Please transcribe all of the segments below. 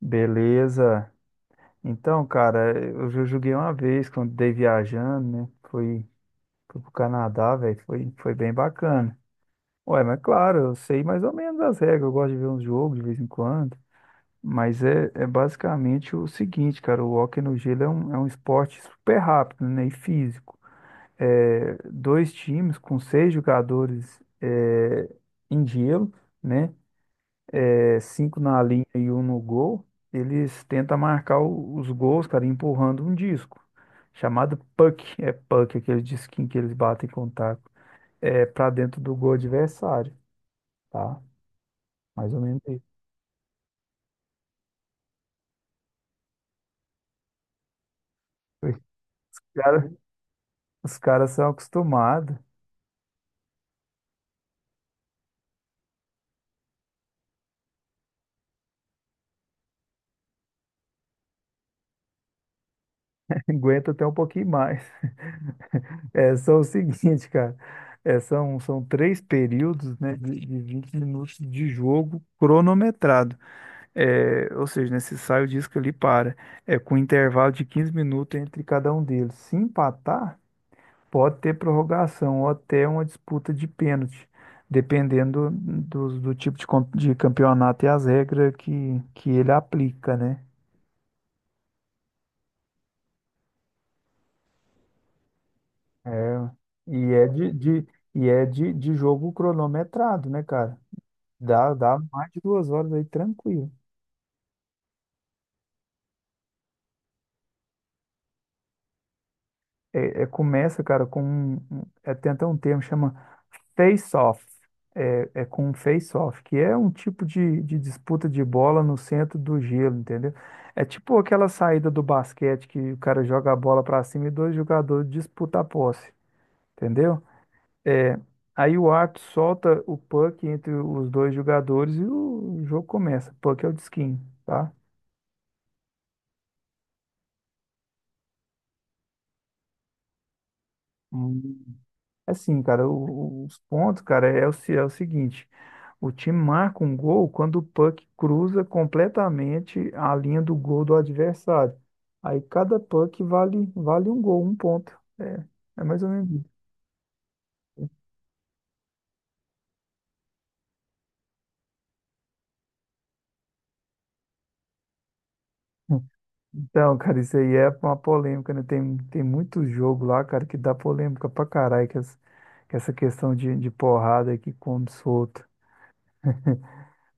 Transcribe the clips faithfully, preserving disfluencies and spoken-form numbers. Beleza. Então, cara, eu já joguei uma vez quando dei viajando, né? Fui, fui pro Canadá, velho. Foi, foi bem bacana. Ué, mas claro, eu sei mais ou menos as regras. Eu gosto de ver uns jogos de vez em quando. Mas é, é basicamente o seguinte, cara. O hóquei no gelo é um, é um esporte super rápido, né? E físico. É, dois times com seis jogadores é, em gelo, né? É, cinco na linha e um no gol, eles tentam marcar o- os gols, cara, empurrando um disco, chamado puck. É puck, aquele disquinho que eles batem com o taco, é, para dentro do gol adversário, tá? Mais ou menos isso. Os cara- os caras são acostumados. Aguenta até um pouquinho mais. É, são o seguinte, cara. É, são, são três períodos, né, de, de vinte minutos de jogo cronometrado. É, ou seja, né, se sai o disco ali para, é, com um intervalo de quinze minutos entre cada um deles. Se empatar, pode ter prorrogação ou até uma disputa de pênalti, dependendo do, do tipo de, com- de campeonato e as regras que, que ele aplica, né? É, e é de, de- e é de, de jogo cronometrado, né, cara? Dá, dá mais de duas horas aí tranquilo. É, é, começa, cara, com um, um- é, tem até um termo que chama face-off. É, é com um face-off, que é um tipo de, de disputa de bola no centro do gelo, entendeu? É tipo aquela saída do basquete que o cara joga a bola para cima e dois jogadores disputam a posse, entendeu? É, Aí o árbitro solta o puck entre os dois jogadores e o jogo começa. Puck é o de skin, tá? Assim, cara, o- os pontos, cara, é o, se- é o seguinte: o time marca um gol quando o puck cruza completamente a linha do gol do adversário. Aí cada puck vale, vale um gol, um ponto. É, é mais ou menos isso. Então, cara, isso aí é uma polêmica, né? Tem, tem muito jogo lá, cara, que dá polêmica pra caralho, que, essa que essa questão de, de porrada que come solto.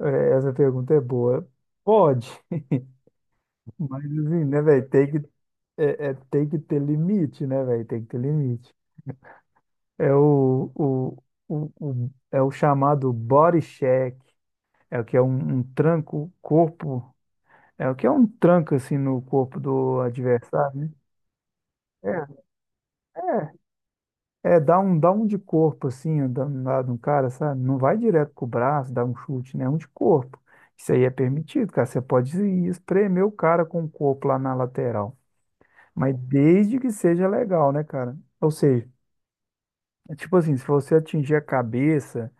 É, essa pergunta é boa. Pode. Mas assim, né, velho? Tem que, é, é- tem que ter limite, né, velho? Tem que ter limite. É o, o, o, o- é o chamado body check, é o que é um, um tranco corpo, é o que é um tranco assim no corpo do adversário, né? É, é, É dar um, dar um de corpo assim, dar um lado no cara, sabe? Não vai direto com o braço, dar um chute, né? É um de corpo. Isso aí é permitido, cara. Você pode espremer o cara com o corpo lá na lateral. Mas desde que seja legal, né, cara? Ou seja, é tipo assim, se você atingir a cabeça,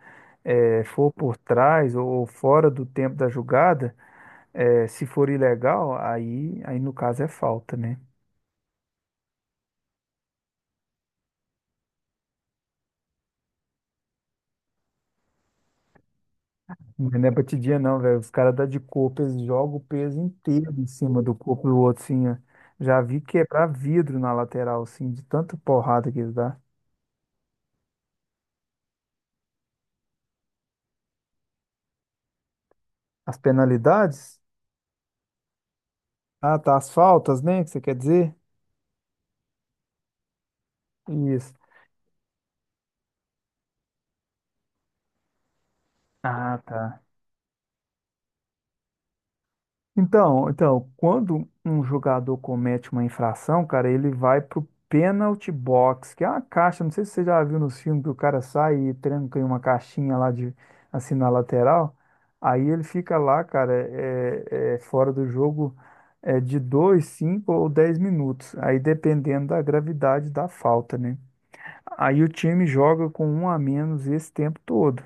é, for por trás ou fora do tempo da jogada, é, se for ilegal, aí, aí no caso é falta, né? Mas não é batidinha não, velho. Os caras dão de corpo, eles jogam o peso inteiro em cima do corpo do outro, assim, ó. Já vi quebrar vidro na lateral, assim, de tanta porrada que eles dão. As penalidades? Ah, tá, as faltas, né, que você quer dizer? Isso. Ah, tá. Então, então, quando um jogador comete uma infração, cara, ele vai pro penalty box, que é uma caixa, não sei se você já viu nos filmes que o cara sai e tranca em uma caixinha lá de assim na lateral. Aí ele fica lá, cara, é, é, fora do jogo, é, de dois, cinco ou dez minutos. Aí dependendo da gravidade da falta, né? Aí o time joga com um a menos esse tempo todo,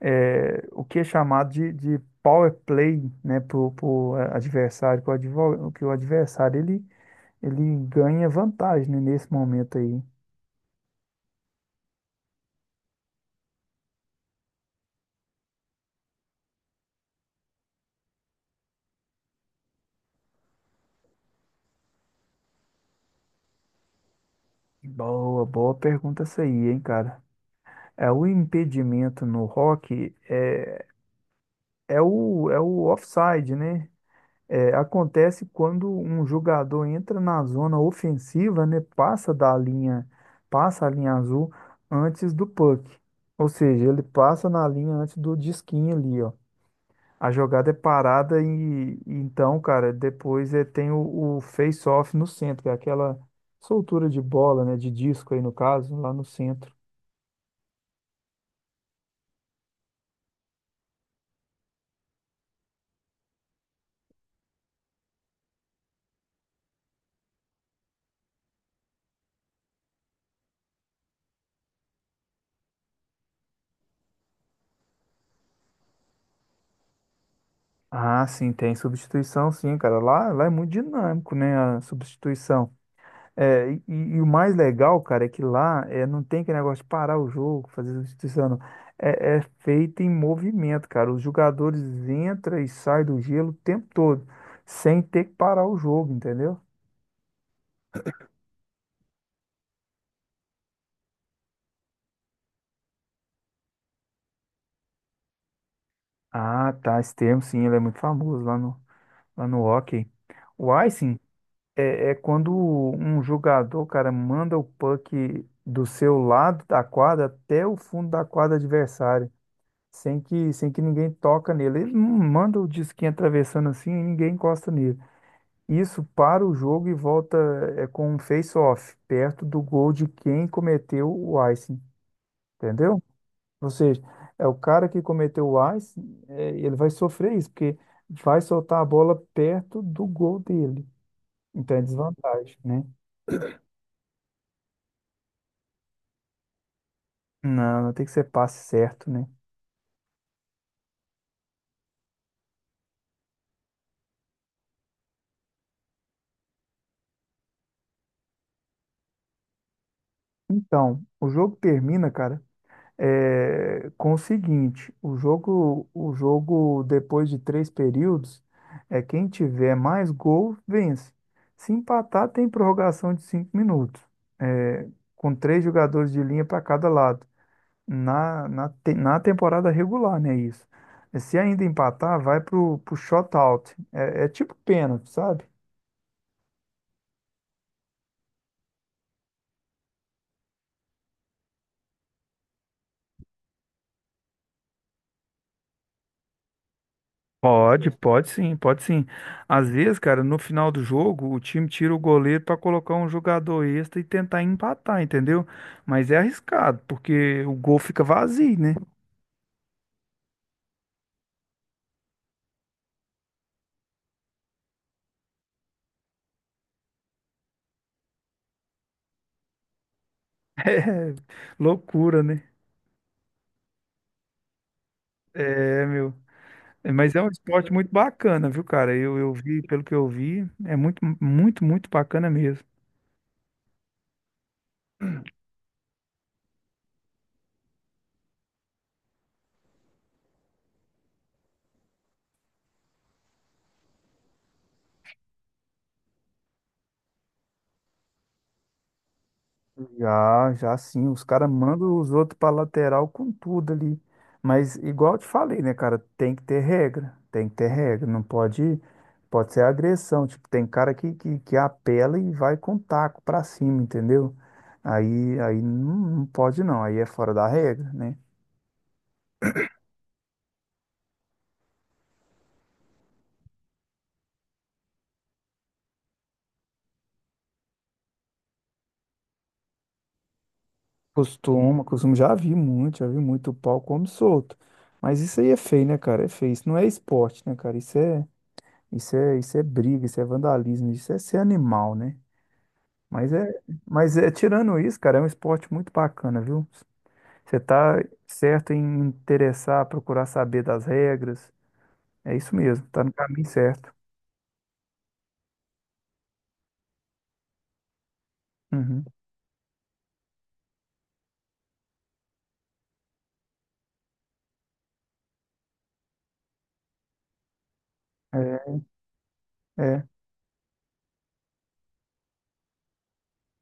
é, o que é chamado de, de power play, né, pro, pro adversário, que o, advo- que o adversário ele, ele ganha vantagem, né, nesse momento aí. Boa, boa pergunta essa aí, hein, cara. É, o impedimento no rock é, é o, é o offside, né? É, acontece quando um jogador entra na zona ofensiva, né? Passa da linha, passa a linha azul antes do puck. Ou seja, ele passa na linha antes do disquinho ali, ó. A jogada é parada e, e então, cara, depois é, tem o, o face-off no centro, que é aquela soltura de bola, né, de disco aí no caso, lá no centro. Ah, sim, tem substituição, sim, cara. Lá, lá é muito dinâmico, né, a substituição. É, e, e- e o mais legal, cara, é que lá é, não tem aquele negócio de parar o jogo, fazer substituição, não. É, é feito em movimento, cara. Os jogadores entram e saem do gelo o tempo todo, sem ter que parar o jogo, entendeu? Ah, tá. Esse termo, sim, ele é muito famoso lá no, lá no hockey. O icing é, é quando um jogador, cara, manda o puck do seu lado da quadra até o fundo da quadra adversária, sem que, sem que ninguém toca nele. Ele não manda o disquinho atravessando assim e ninguém encosta nele. Isso para o jogo e volta é, com um face-off, perto do gol de quem cometeu o icing, entendeu? Ou seja, é o cara que cometeu o A I S, é, ele vai sofrer isso, porque vai soltar a bola perto do gol dele. Então é desvantagem, né? Não, tem que ser passe certo, né? Então, o jogo termina, cara, é, com o seguinte: o jogo, o jogo depois de três períodos, é quem tiver mais gol vence. Se empatar, tem prorrogação de cinco minutos, é, com três jogadores de linha para cada lado. Na, na, te- na temporada regular, né? Isso. Se ainda empatar, vai pro, pro shootout. É, é tipo pênalti, sabe? Pode, pode sim, pode sim. Às vezes, cara, no final do jogo, o time tira o goleiro para colocar um jogador extra e tentar empatar, entendeu? Mas é arriscado, porque o gol fica vazio, né? É loucura, né? É, meu. É, mas é um esporte muito bacana, viu, cara? Eu, eu vi, pelo que eu vi, é muito, muito, muito bacana mesmo. Já, já sim, os caras mandam os outros pra lateral com tudo ali. Mas igual eu te falei, né, cara, tem que ter regra, tem que ter regra, não pode, pode ser agressão, tipo, tem cara que, que, que apela e vai com taco pra cima, entendeu? Aí, aí não, não pode não, aí é fora da regra, né? Costuma, costuma, já vi muito, já vi muito o pau como solto. Mas isso aí é feio, né, cara? É feio, isso não é esporte, né, cara? Isso é, isso é, isso é briga, isso é vandalismo, isso é ser animal, né? Mas é, mas é tirando isso, cara, é um esporte muito bacana, viu? Você tá certo em interessar, procurar saber das regras. É isso mesmo, tá no caminho certo. Uhum. É, é,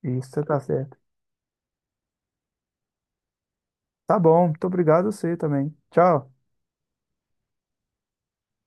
isso você tá certo. Tá bom, muito obrigado a você também. Tchau.